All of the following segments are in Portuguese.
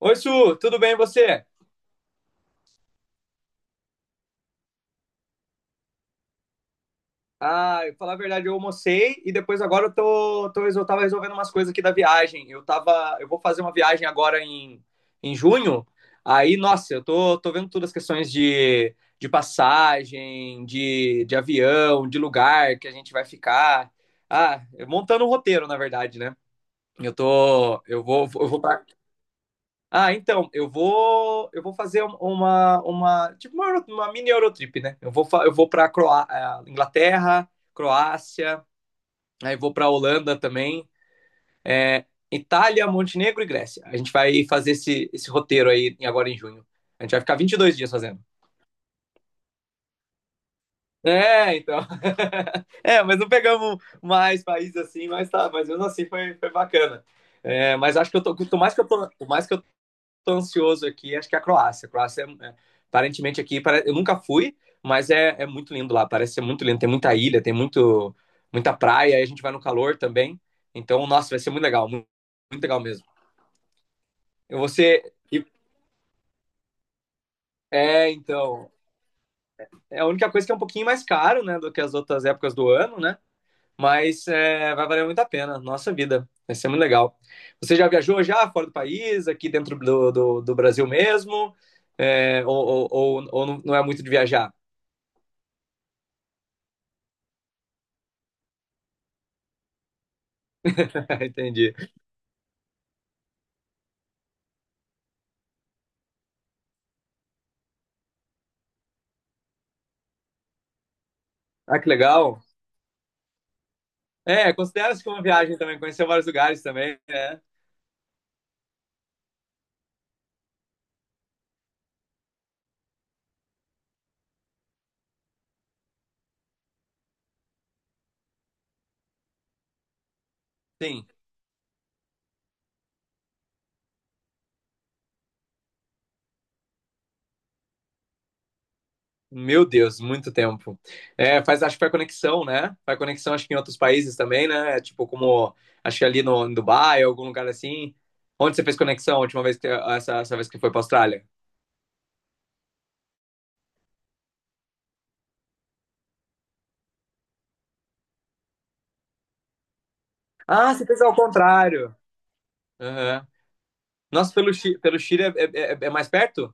Oi, Su, tudo bem e você? Ah, eu falar a verdade, eu almocei e depois agora eu tô, tô, resol- tava resolvendo umas coisas aqui da viagem. Eu vou fazer uma viagem agora em junho. Aí, nossa, tô vendo todas as questões de passagem, de avião, de lugar que a gente vai ficar. Ah, montando um roteiro, na verdade, né? Eu vou Ah, então, eu vou fazer uma mini Eurotrip, né? Eu vou para Inglaterra, Croácia, aí vou para Holanda também, é, Itália, Montenegro e Grécia. A gente vai fazer esse roteiro agora em junho. A gente vai ficar 22 dias fazendo. É, então. É, mas não pegamos mais países assim, mas tá, mas mesmo assim foi bacana. É, mas acho que eu tô, quanto mais que eu tô, quanto mais que eu tô ansioso aqui, acho que é a Croácia. A Croácia, aparentemente, eu nunca fui, mas é muito lindo lá, parece ser muito lindo. Tem muita ilha, muita praia, aí a gente vai no calor também. Então, nossa, vai ser muito legal, muito legal mesmo. E você. e- É, então. É a única coisa que é um pouquinho mais caro, né, do que as outras épocas do ano, né? Mas é, vai valer muito a pena, nossa vida. Vai ser muito legal. Você já viajou já fora do país, aqui dentro do Brasil mesmo? É, ou não é muito de viajar? Entendi. Ah, que legal. É, considera-se como uma viagem também, conheceu vários lugares também, né? Sim. Meu Deus, muito tempo. É, faz, acho que faz conexão, né? Faz conexão, acho que em outros países também, né? Tipo, como, acho que ali no, em Dubai, algum lugar assim. Onde você fez conexão a última vez, que, essa vez que foi pra Austrália? Ah, você fez ao contrário. Aham. Nossa, pelo Chile é, é mais perto?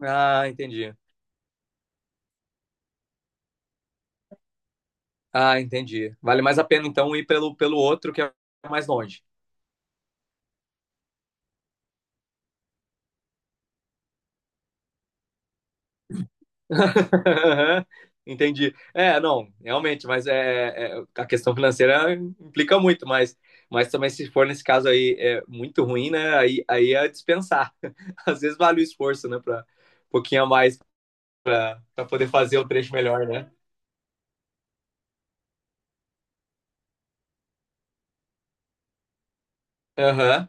Ah, entendi. Ah, entendi. Vale mais a pena, então, ir pelo outro, que é mais longe. Entendi. É, não, realmente, mas é, a questão financeira implica muito, mas também se for nesse caso aí é muito ruim, né? Aí é dispensar. Às vezes vale o esforço, né? Para um pouquinho a mais para poder fazer o trecho melhor, né? Aham.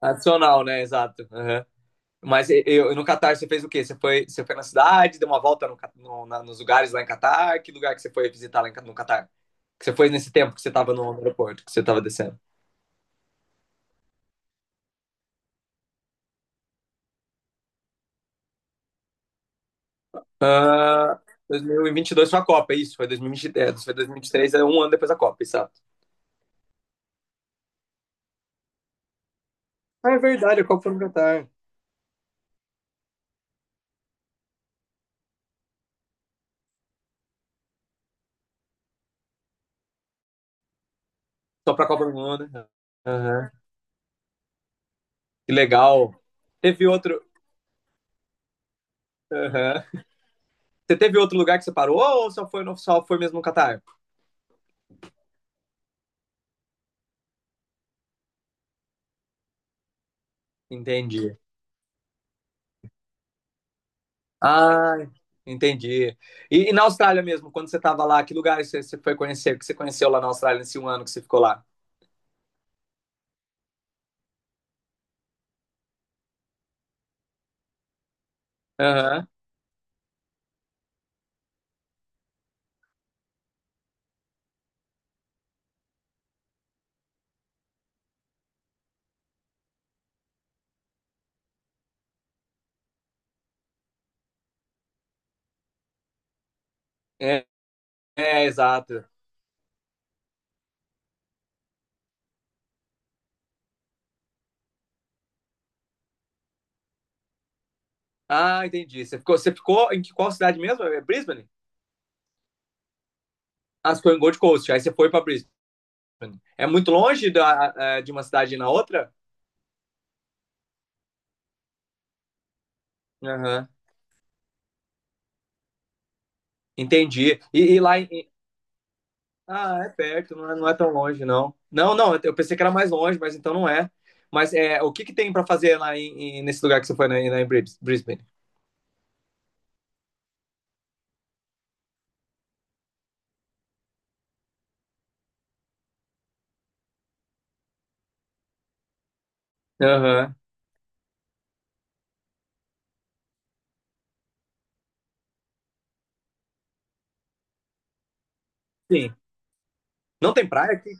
Adicional, né? Exato. Aham. Mas eu, no Catar você fez o quê? Você foi na cidade, deu uma volta nos lugares lá em Catar? Que lugar que você foi visitar lá em no Catar? Que você foi nesse tempo que você estava no aeroporto, que você estava descendo? Ah, 2022 foi a Copa, é isso. Foi 2023, foi 2023, é um ano depois da Copa, exato. Ah, é verdade, a Copa foi no Catar. Só pra Copa do Mundo, né? Aham. Que legal. Teve outro. Aham. Você teve outro lugar que você parou ou só foi mesmo no Catar? Entendi. Ah, entendi. E na Austrália mesmo, quando você tava lá, que lugares você foi conhecer, que você conheceu lá na Austrália nesse um ano que você ficou lá? Aham. É, exato. Ah, entendi. Você ficou em qual cidade mesmo? É Brisbane? As ficou em Gold Coast. Aí você foi para Brisbane. É muito longe de uma cidade na outra? Aham. Uhum. Entendi. E lá em. Ah, é perto, não é tão longe, não. Não, não, eu pensei que era mais longe, mas então não é. Mas é, o que que tem para fazer lá nesse lugar que você foi, né, lá em Brisbane? Aham. Sim. Não tem praia?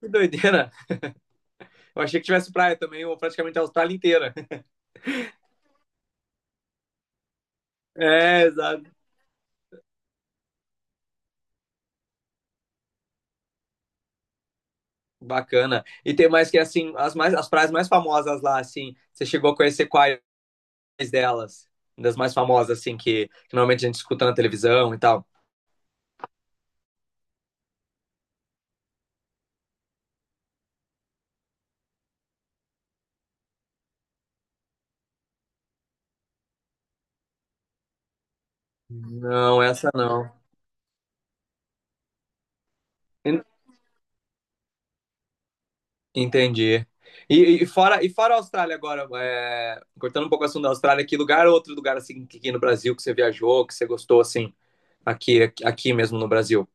Que doideira. Eu achei que tivesse praia também, ou praticamente a Austrália inteira. É, exato. Bacana. E tem mais que, assim, as, mais, as praias mais famosas lá, assim, você chegou a conhecer qual delas, das mais famosas, assim, que normalmente a gente escuta na televisão e tal. Não, essa não. En- Entendi. E, e fora a Austrália agora, é, cortando um pouco o assunto da Austrália, que lugar, outro lugar, assim, que aqui no Brasil que você viajou, que você gostou, assim, aqui mesmo no Brasil?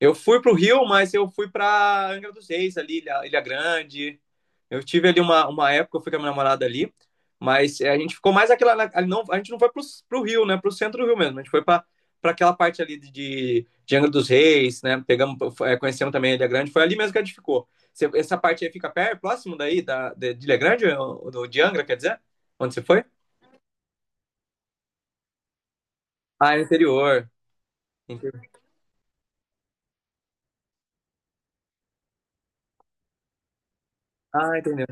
Eu fui para o Rio, mas eu fui para Angra dos Reis ali, Ilha Grande. Eu tive ali uma época, eu fui com a minha namorada ali, mas é, a gente ficou mais aquela. Não, a gente não foi para o Rio, né? Para o centro do Rio mesmo. A gente foi para aquela parte ali de Angra dos Reis, né? Pegamos, é, conhecemos também a Ilha Grande. Foi ali mesmo que a gente ficou. Essa parte aí fica perto, próximo daí, de Ilha Grande, ou de Angra, quer dizer? Onde você foi? Ah, é interior. Inter- Ah, entendeu.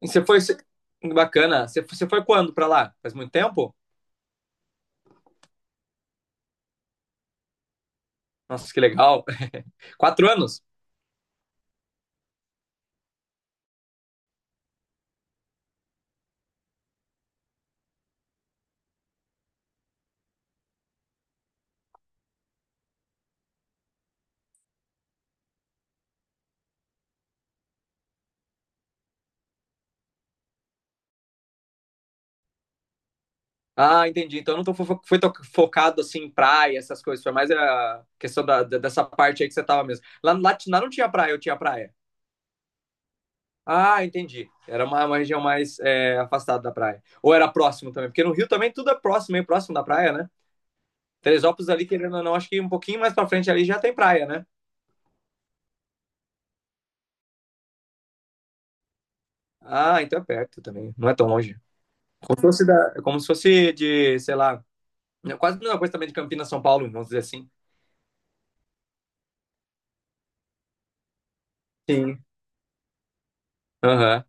E você foi. Bacana. Você foi quando para lá? Faz muito tempo? Nossa, que legal. 4 anos? Ah, entendi. Então eu não tô focado assim em praia, essas coisas. Foi mais a questão dessa parte aí que você tava mesmo. Lá não tinha praia, eu tinha praia. Ah, entendi. Era uma região mais é, afastada da praia. Ou era próximo também, porque no Rio também tudo é próximo, meio próximo da praia, né? Teresópolis ali, querendo ou não, acho que um pouquinho mais pra frente ali já tem praia, né? Ah, então é perto também. Não é tão longe. Como se fosse de, sei lá, quase a mesma coisa também de Campinas, São Paulo, vamos dizer assim. Sim. Aham.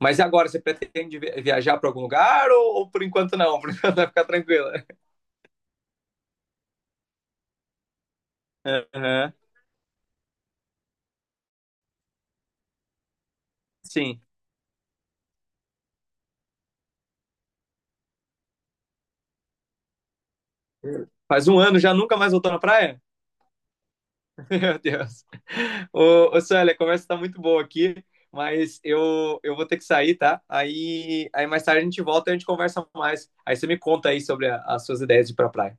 Mas e agora, você pretende viajar para algum lugar ou por enquanto não? Por enquanto vai ficar tranquila. Aham, sim. Faz um ano já nunca mais voltou na praia? Meu Deus. Ô Célia, a conversa tá muito boa aqui, mas eu vou ter que sair, tá? Aí mais tarde a gente volta e a gente conversa mais. Aí você me conta aí sobre as suas ideias de ir pra praia.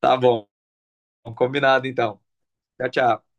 Tá bom, combinado então. Tchau, tchau.